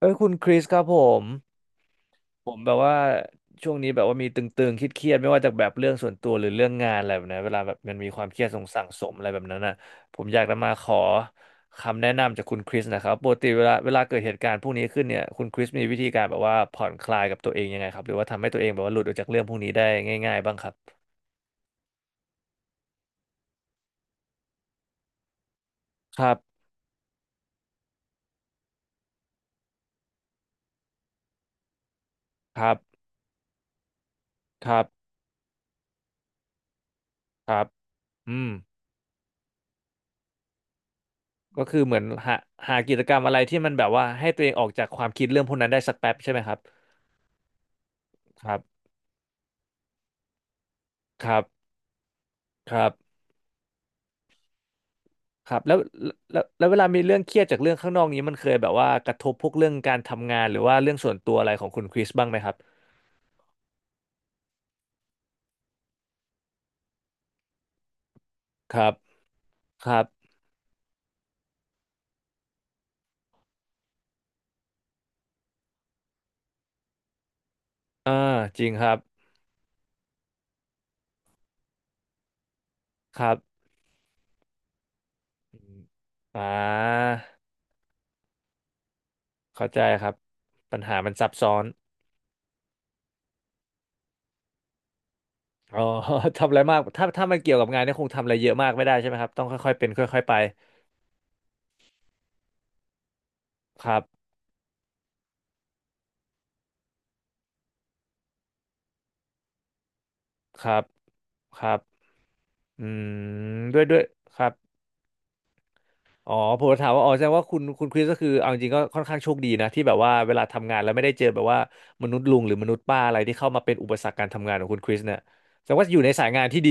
เอ้ยคุณคริสครับมผมแบบว่าช่วงนี้แบบว่ามีตึงๆเครียดๆไม่ว่าจากแบบเรื่องส่วนตัวหรือเรื่องงานอะไรแบบนี้เวลาแบบมันมีความเครียดสงสั่งสมอะไรแบบนั้นน่ะผมอยากจะมาขอคำแนะนำจากคุณคริสนะครับปกติเวลาเกิดเหตุการณ์พวกนี้ขึ้นเนี่ยคุณคริสมีวิธีการแบบว่าผ่อนคลายกับตัวเองยังไงครับหรือว่าทำให้ตัวเองแบบว่าหลุดออกจากเรื่องพวกนี้ได้ง่ายๆบ้างครับครับครับครับครับอืมก็คือเหมือนหากิจกรรมอะไรที่มันแบบว่าให้ตัวเองออกจากความคิดเรื่องพวกนั้นได้สักแป๊บใช่ไหมครับครับครับ ครับครับแล้วแล้วเวลามีเรื่องเครียดจากเรื่องข้างนอกนี้มันเคยแบบว่ากระทบพวกเรื่องการทำงานหรือว่าเรื่องส่วนตัวอะไรของคุณคริสบ้างไหมครับครับครับอ่าจริงครับครับอมอ่าเข้าใจครับปัญหามันซับซ้อนอ๋อ ทำอะไรมากถ้ามันเกี่ยวกับงานเนี่ยคงทำอะไรเยอะมากไม่ได้ใช่ไหมครับต้องค่อยๆเป็นค่อยๆไปครับครับครับอืมด้วยด้วยครับ อ๋อผมจะถามว่าอ๋อแสดงว่าคุณคริสก็คือเอาจริงๆก็ค่อนข้างโชคดีนะที่แบบว่าเวลาทำงานแล้วไม่ได้เจอแบบว่ามนุษย์ลุงหรือมนุษย์ป้าอะไรที่เข้ามาเป็นอุปสรรคการทำงานของคุณคริสเนี่ยแสดงว่าอยู่ในสายงานที่ดี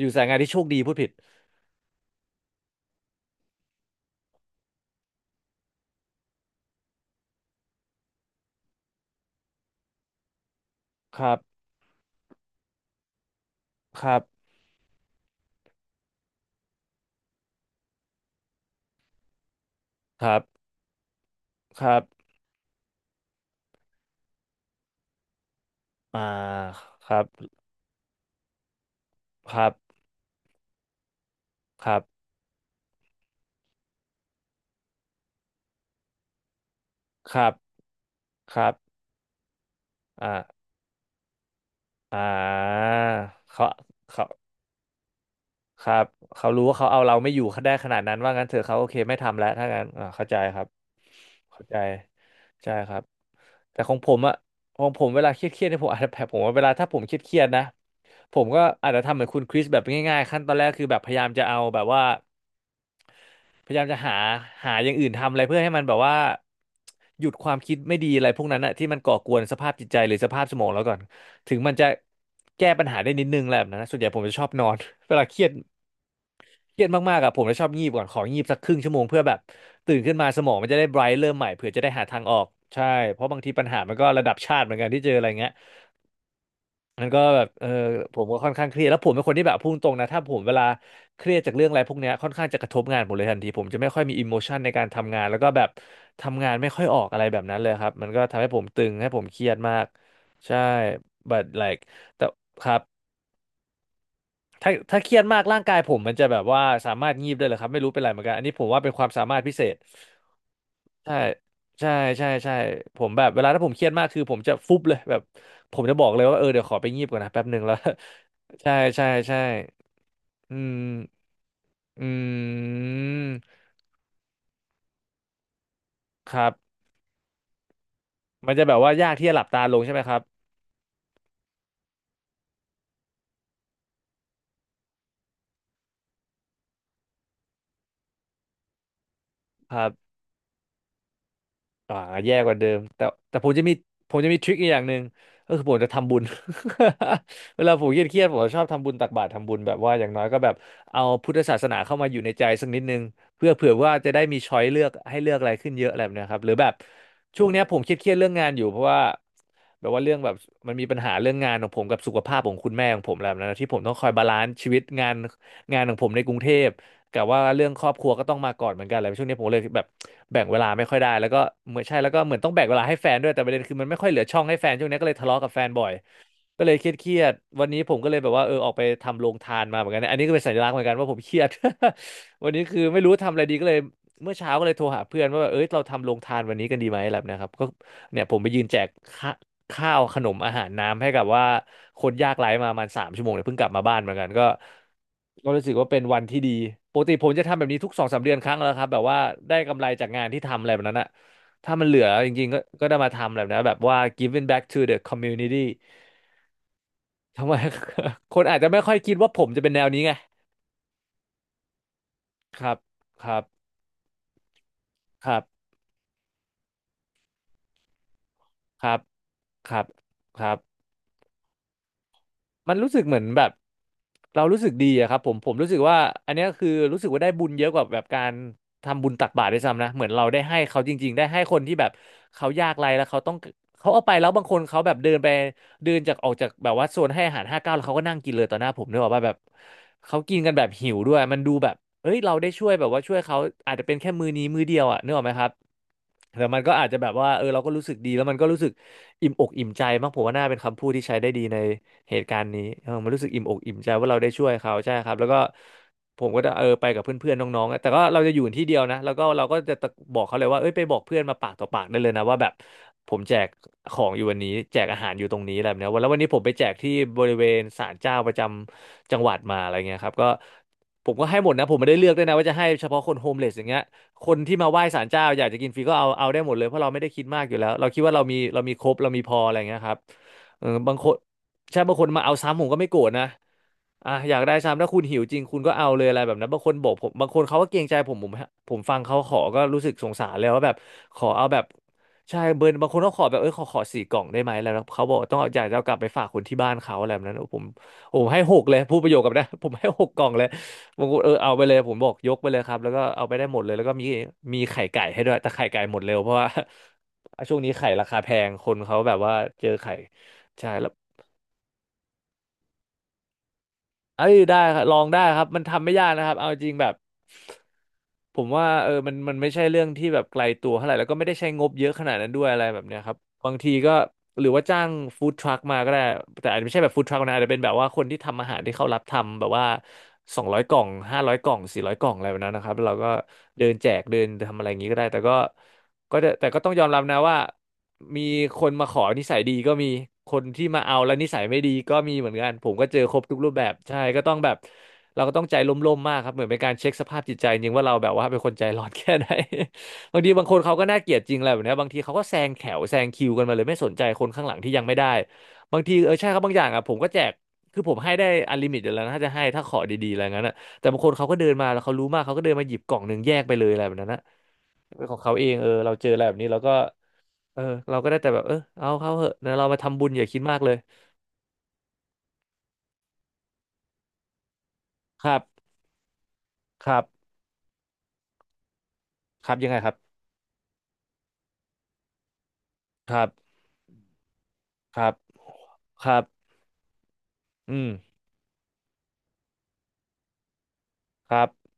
อยู่สายงานที่โชคดีพูดผิดครับครับครับครับอ่าครับครับครับครับครับอ่าอ่าเขาเขา ครับ เขารู้ว่าเขาเอาเราไม่อยู่เขาได้ขนาดนั้นว่างั้นเถอะเขาโอเคไม่ทำแล้วถ้างั้นอ่าเข้าใจครับเข้าใจใช่ครับ แต่ของผมอะของผมเวลาเครียดเนี่ยผมอาจจะแบบผมว่าเวลาถ้าผมเครียดนะผมก็อาจจะทำเหมือนคุณคริสแบบง่ายๆขั้นตอนแรกคือแบบพยายามจะเอาแบบว่าพยายามจะหาหาอย่างอื่นทำอะไรเพื่อให้มันแบบว่าหยุดความคิดไม่ดีอะไรพวกนั้นอะที่มันก่อกวนสภาพจิตใจหรือสภาพสมองเราก่อนถึงมันจะแก้ปัญหาได้นิดนึงแหละแบบนั้นนะส่วนใหญ่ผมจะชอบนอน เวลาเครียด เครียดมากๆอะผมจะชอบงีบก่อนของีบสักครึ่งชั่วโมงเพื่อแบบตื่นขึ้นมาสมองมันจะได้ไบรท์เริ่มใหม่เผื่อจะได้หาทางออกใช่เพราะบางทีปัญหามันก็ระดับชาติเหมือนกันที่เจออะไรเงี้ยมันก็แบบเออผมก็ค่อนข้างเครียดแล้วผมเป็นคนที่แบบพูดตรงนะถ้าผมเวลาเครียดจากเรื่องอะไรพวกเนี้ยค่อนข้างจะกระทบงานผมเลยทันทีผมจะไม่ค่อยมีอิโมชันในการทำงานแล้วก็แบบทำงานไม่ค่อยออกอะไรแบบนั้นเลยครับมันก็ทำให้ผมตึงให้ผมเครียดมากใช่ but like แต่ครับ ถ้าเครียดมากร่างกายผมมันจะแบบว่าสามารถงีบได้เลยครับไม่รู้เป็นไรเหมือนกันอันนี้ผมว่าเป็นความสามารถพิเศษใช่ใช่ใช่ใช่ผมแบบเวลาถ้าผมเครียดมากคือผมจะฟุบเลยแบบผมจะบอกเลยว่าเออเดี๋ยวขอไปงีบก่อนนะแป๊บหนึ่งแล้ว ใช่ใช่ใช่อืมอืมครับมันจะแบบว่ายากที่จะหลับตาลงใช่ไหมครับครับ อ่าแย่กว่าเดิมแต่ผมจะมีผมจะมีทริคอีกอย่างหนึ่งก็คือผมจะทำบุญ เวลาผมเครียดๆผมชอบทำบุญตักบาตรทำบุญแบบว่าอย่างน้อยก็แบบเอาพุทธศาสนาเข้ามาอยู่ในใจสักนิดนึงเพื่อเผื่อว่าจะได้มีช้อยเลือกให้เลือกอะไรขึ้นเยอะอะไรแบบเนะครับหรือแบบช่วงเนี้ยผมเครียดๆเรื่องงานอยู่เพราะว่าแบบว่าเรื่องแบบมันมีปัญหาเรื่องงานของผมกับสุขภาพของคุณแม่ของผมแล้วนนนะที่ผมต้องคอยบาลานซ์ชีวิตงานงานของผมในกรุงเทพ กับว่าเรื่องครอบครัวก็ต้องมาก่อนเหมือนกันอะไรช่วงนี้ผมเลยแบบแบ่งเวลาไม่ค่อยได้แล้วก็เหมือนใช่แล้วก็เหมือนต้องแบ่งเวลาให้แฟนด้วยแต่ประเด็นคือมันไม่ค่อยเหลือช่องให้แฟนช่วงนี้ก็เลยทะเลาะกับแฟนบ่อยก็เลยเครียดๆวันนี้ผมก็เลยแบบว่าออกไปทำโรงทานมาเหมือนกันนะอันนี้ก็เป็นสัญลักษณ์เหมือนกันว่าผมเครียด วันนี้คือไม่รู้ทำอะไรดีก็เลยเมื่อเช้าก็เลยโทรหาเพื่อนว่าเอ้ยเราทำโรงทานวันนี้กันดีไหมแบบเนะครับก็เนี่ยผมไปยืนแจกข้า ข้าวขนมอาหารน้ำให้กับว่าคนยากไร้มาประมาณ3 ชั่วโมงเนี่ยเพิ่งกลับมาบ้านเหมือนกันก็ก็รู้สึกว่าเป็นวันที่ดีปกติผมจะทำแบบนี้ทุกสองสามเดือนครั้งแล้วครับแบบว่าได้กำไรจากงานที่ทำอะไรแบบนั้นอะถ้ามันเหลือจริงๆก็ก็ได้มาทำแบบนั้นแบบว่า giving back to the community ทำไม คนอาจจะไม่ค่อยคิดว่าผมจะเป็นแนวนี้ไงครับครับครับครับครับครับ มันรู้สึกเหมือนแบบเรารู้สึกดีอะครับผมรู้สึกว่าอันเนี้ยคือรู้สึกว่าได้บุญเยอะกว่าแบบการทำบุญตักบาตรด้วยซ้ำนะเหมือนเราได้ให้เขาจริงๆได้ให้คนที่แบบเขายากไร้แล้วเขาต้องเขาเอาไปแล้วบางคนเขาแบบเดินไปเดินจากออกจากแบบว่าโซนให้อาหารห้าเก้าแล้วเขาก็นั่งกินเลยต่อหน้าผมเนกอะว่าแบบเขากินกันแบบหิวด้วยมันดูแบบเอ้ยเราได้ช่วยแบบว่าช่วยเขาอาจจะเป็นแค่มือนี้มือเดียวอะนึกออกไหมครับแต่มันก็อาจจะแบบว่าเออเราก็รู้สึกดีแล้วมันก็รู้สึกอิ่มอกอิ่มใจมากผมว่าน่าเป็นคำพูดที่ใช้ได้ดีใน เหตุการณ์นี้มันรู้สึกอิ่มอกอิ่มใจว่าเราได้ช่วยเขาใช่ครับแล้วก็ผมก็จะไปกับเพื่อนๆน้องๆอะแต่ก็เราจะอยู่ที่เดียวนะแล้วก็เราก็จะตะบอกเขาเลยว่าเอ้ยไปบอกเพื่อนมาปากต่อปากได้เลยนะว่าแบบผมแจกของอยู่วันนี้แจกอาหารอยู่ตรงนี้อะไรแบบเนี้ยวันแล้ววันนี้ผมไปแจกที่บริเวณศาลเจ้าประจำจังหวัดมาอะไรเงี้ยครับก็ผมก็ให้หมดนะผมไม่ได้เลือกด้วยนะว่าจะให้เฉพาะคนโฮมเลสอย่างเงี้ยคนที่มาไหว้ศาลเจ้าอยากจะกินฟรีก็เอาเอาได้หมดเลยเพราะเราไม่ได้คิดมากอยู่แล้วเราคิดว่าเรามีเรามีครบเรามีพออะไรเงี้ยครับบางคน ใช่บางคนมาเอาซ้ำผมก็ไม่โกรธนะอ่ะอยากได้ซ้ำถ้าคุณหิวจริงคุณก็เอาเลยอะไรแบบนั้นบางคนบอกผมบางคนเขาก็เกรงใจผมผมฟังเขาขอก็รู้สึกสงสารแล้วว่าแบบขอเอาแบบใช่เบิร์นบางคนก็ขอแบบขอ4 กล่องได้ไหมแล้วเขาบอกต้องเอาอยากจะเอากลับไปฝากคนที่บ้านเขาอะไรแบบนั้นโอ้ผมให้หกเลยพูดประโยคกับนะ ผมให้6 กล่องเลยบางคนเอาไปเลยผมบอกยกไปเลยครับแล้วก็เอาไปได้หมดเลยแล้วก็มีไข่ไก่ให้ด้วยแต่ไข่ไก่หมดเร็วเพราะว่า ช่วงนี้ไข่ราคาแพงคนเขาแบบว่าเจอไข่ใช่แล้ว เอ้ยได้ครับลองได้ครับมันทำไม่ยากนะครับเอาจริงแบบผมว่ามันไม่ใช่เรื่องที่แบบไกลตัวเท่าไหร่แล้วก็ไม่ได้ใช้งบเยอะขนาดนั้นด้วยอะไรแบบเนี้ยครับบางทีก็หรือว่าจ้างฟู้ดทรัคมาก็ได้แต่อาจจะไม่ใช่แบบฟู้ดทรัคนะอาจจะเป็นแบบว่าคนที่ทำอาหารที่เขารับทำแบบว่า200 กล่อง500 กล่อง400 กล่องอะไรแบบนั้นนะครับแล้วเราก็เดินแจกเดินทำอะไรอย่างนี้ก็ได้แต่ก็ก็จะแต่ก็ต้องยอมรับนะว่า มีคนมาขอนิสัยดีก็มีคนที่มาเอาแล้วนิสัยไม่ดีก็มีเหมือนกันผมก็เจอครบทุกรูปแบบใช่ก็ต้องแบบเราก็ต้องใจร่มๆมากครับเหมือนเป็นการเช็คสภาพจิตใจจริงว่าเราแบบว่าเป็นคนใจร้อนแค่ไหน บางทีบางคนเขาก็น่าเกลียดจริงแหละแบบเนี้ยบางทีเขาก็แซงแถวแซงคิวกันมาเลยไม่สนใจคนข้างหลังที่ยังไม่ได้บางทีเออใช่ครับบางอย่างอ่ะผมก็แจกคือผมให้ได้อันลิมิตอยู่แล้วนะถ้าจะให้ถ้าขอดีๆอะไรงั้นอะแต่บางคนเขาก็เดินมาแล้วเขารู้มากเขาก็เดินมาหยิบกล่องหนึ่งแยกไปเลยอะไรแบบนั้นนะเป็นของเขาเองเออเราเจออะไรแบบนี้เราก็ เออเราก็ได้แต่แบบเออเอาเข้าเหอะนะเรามาทำบุญอย่าคิดมากเลยครับครับครับยังไงครับครับครับครับอืมครับ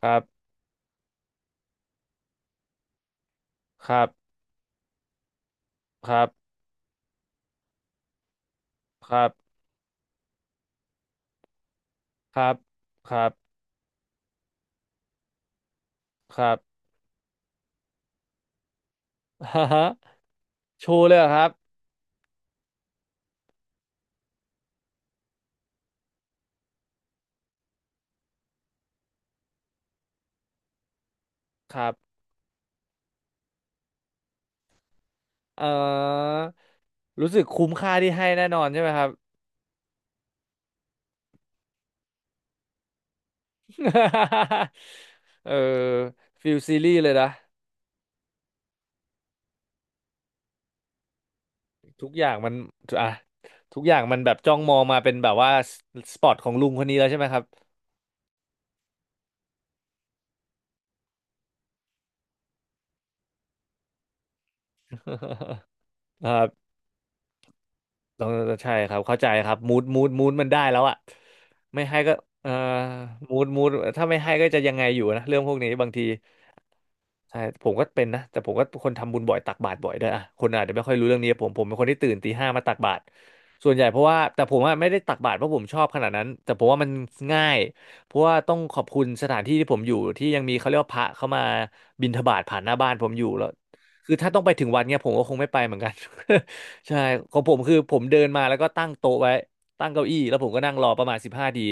ครับครับครับครับครับครับครับ ฮ่าฮ่าโชูเลยเหรอครับครับเออรู้สึกคุ้มค่าที่ให้แน่นอนใช่ไหมครับ เออฟิลซีรีส์เลยนะทุกอย่างมันอ่ะทุกอย่างมันแบบจ้องมองมาเป็นแบบว่าสปอตของลุงคนนี้แล้วใช่ไหมครับ ครับต้องใช่ครับ เข้าใจครับมูดมูดมูดมันได้แล้วอะไม่ให้ก็เอ่อมูดมูดถ้าไม่ให้ก็จะยังไงอยู่นะ เรื่องพวกนี้บางที ใช่ผมก็เป็นนะแต่ผมก็คนทำบุญบ่อยตักบาตรบ่อยด้วยอะคนอาจจะไม่ค่อยรู้เรื่องนี้ผมผมเป็นคนที่ตื่นตีห้ามาตักบาตรส่วนใหญ่เพราะว่าแต่ผมอะไม่ได้ตักบาตรเพราะผมชอบขนาดนั้นแต่ผมว่ามันง่ายเพราะว่าต้องขอบคุณสถานที่ที่ผมอยู่ที่ยังมีเขาเรียกว่าพระเข้ามาบิณฑบาตผ่านหน้าบ้านผมอยู่แล้วคือถ้าต้องไปถึงวัดเนี่ยผมก็คงไม่ไปเหมือนกัน ใช่ของผมคือผมเดินมาแล้วก็ตั้งโต๊ะไว้ตั้งเก้าอี้แล้วผมก็นั่งรอประมาณ15ที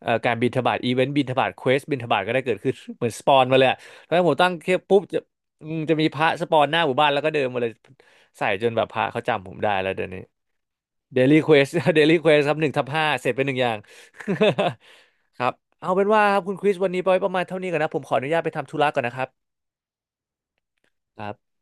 การบิณฑบาตอีเวนต์บิณฑบาตเควสบิณฑบาตก็ได้เกิดขึ้น เหมือนสปอนมาเลย ถ้วผมตั้งเคปปุ๊บจะอืมจะมีพระสปอนหน้าหมู่บ้านแล้วก็เดินมาเลยใส่จนแบบพระเขาจำผมได้แล้วเดี๋ยวนี้เดลี่เค วสเดลี่เควสครับ1/5เสร็จไปหนึ่งอย่าง ครับเอาเป็นว่าครับคุณคริสวันนี้ไปไว้ประมาณเท่านี้ก่อนนะผมขออนุญาตไปทำธุระก่อนนะครับครับ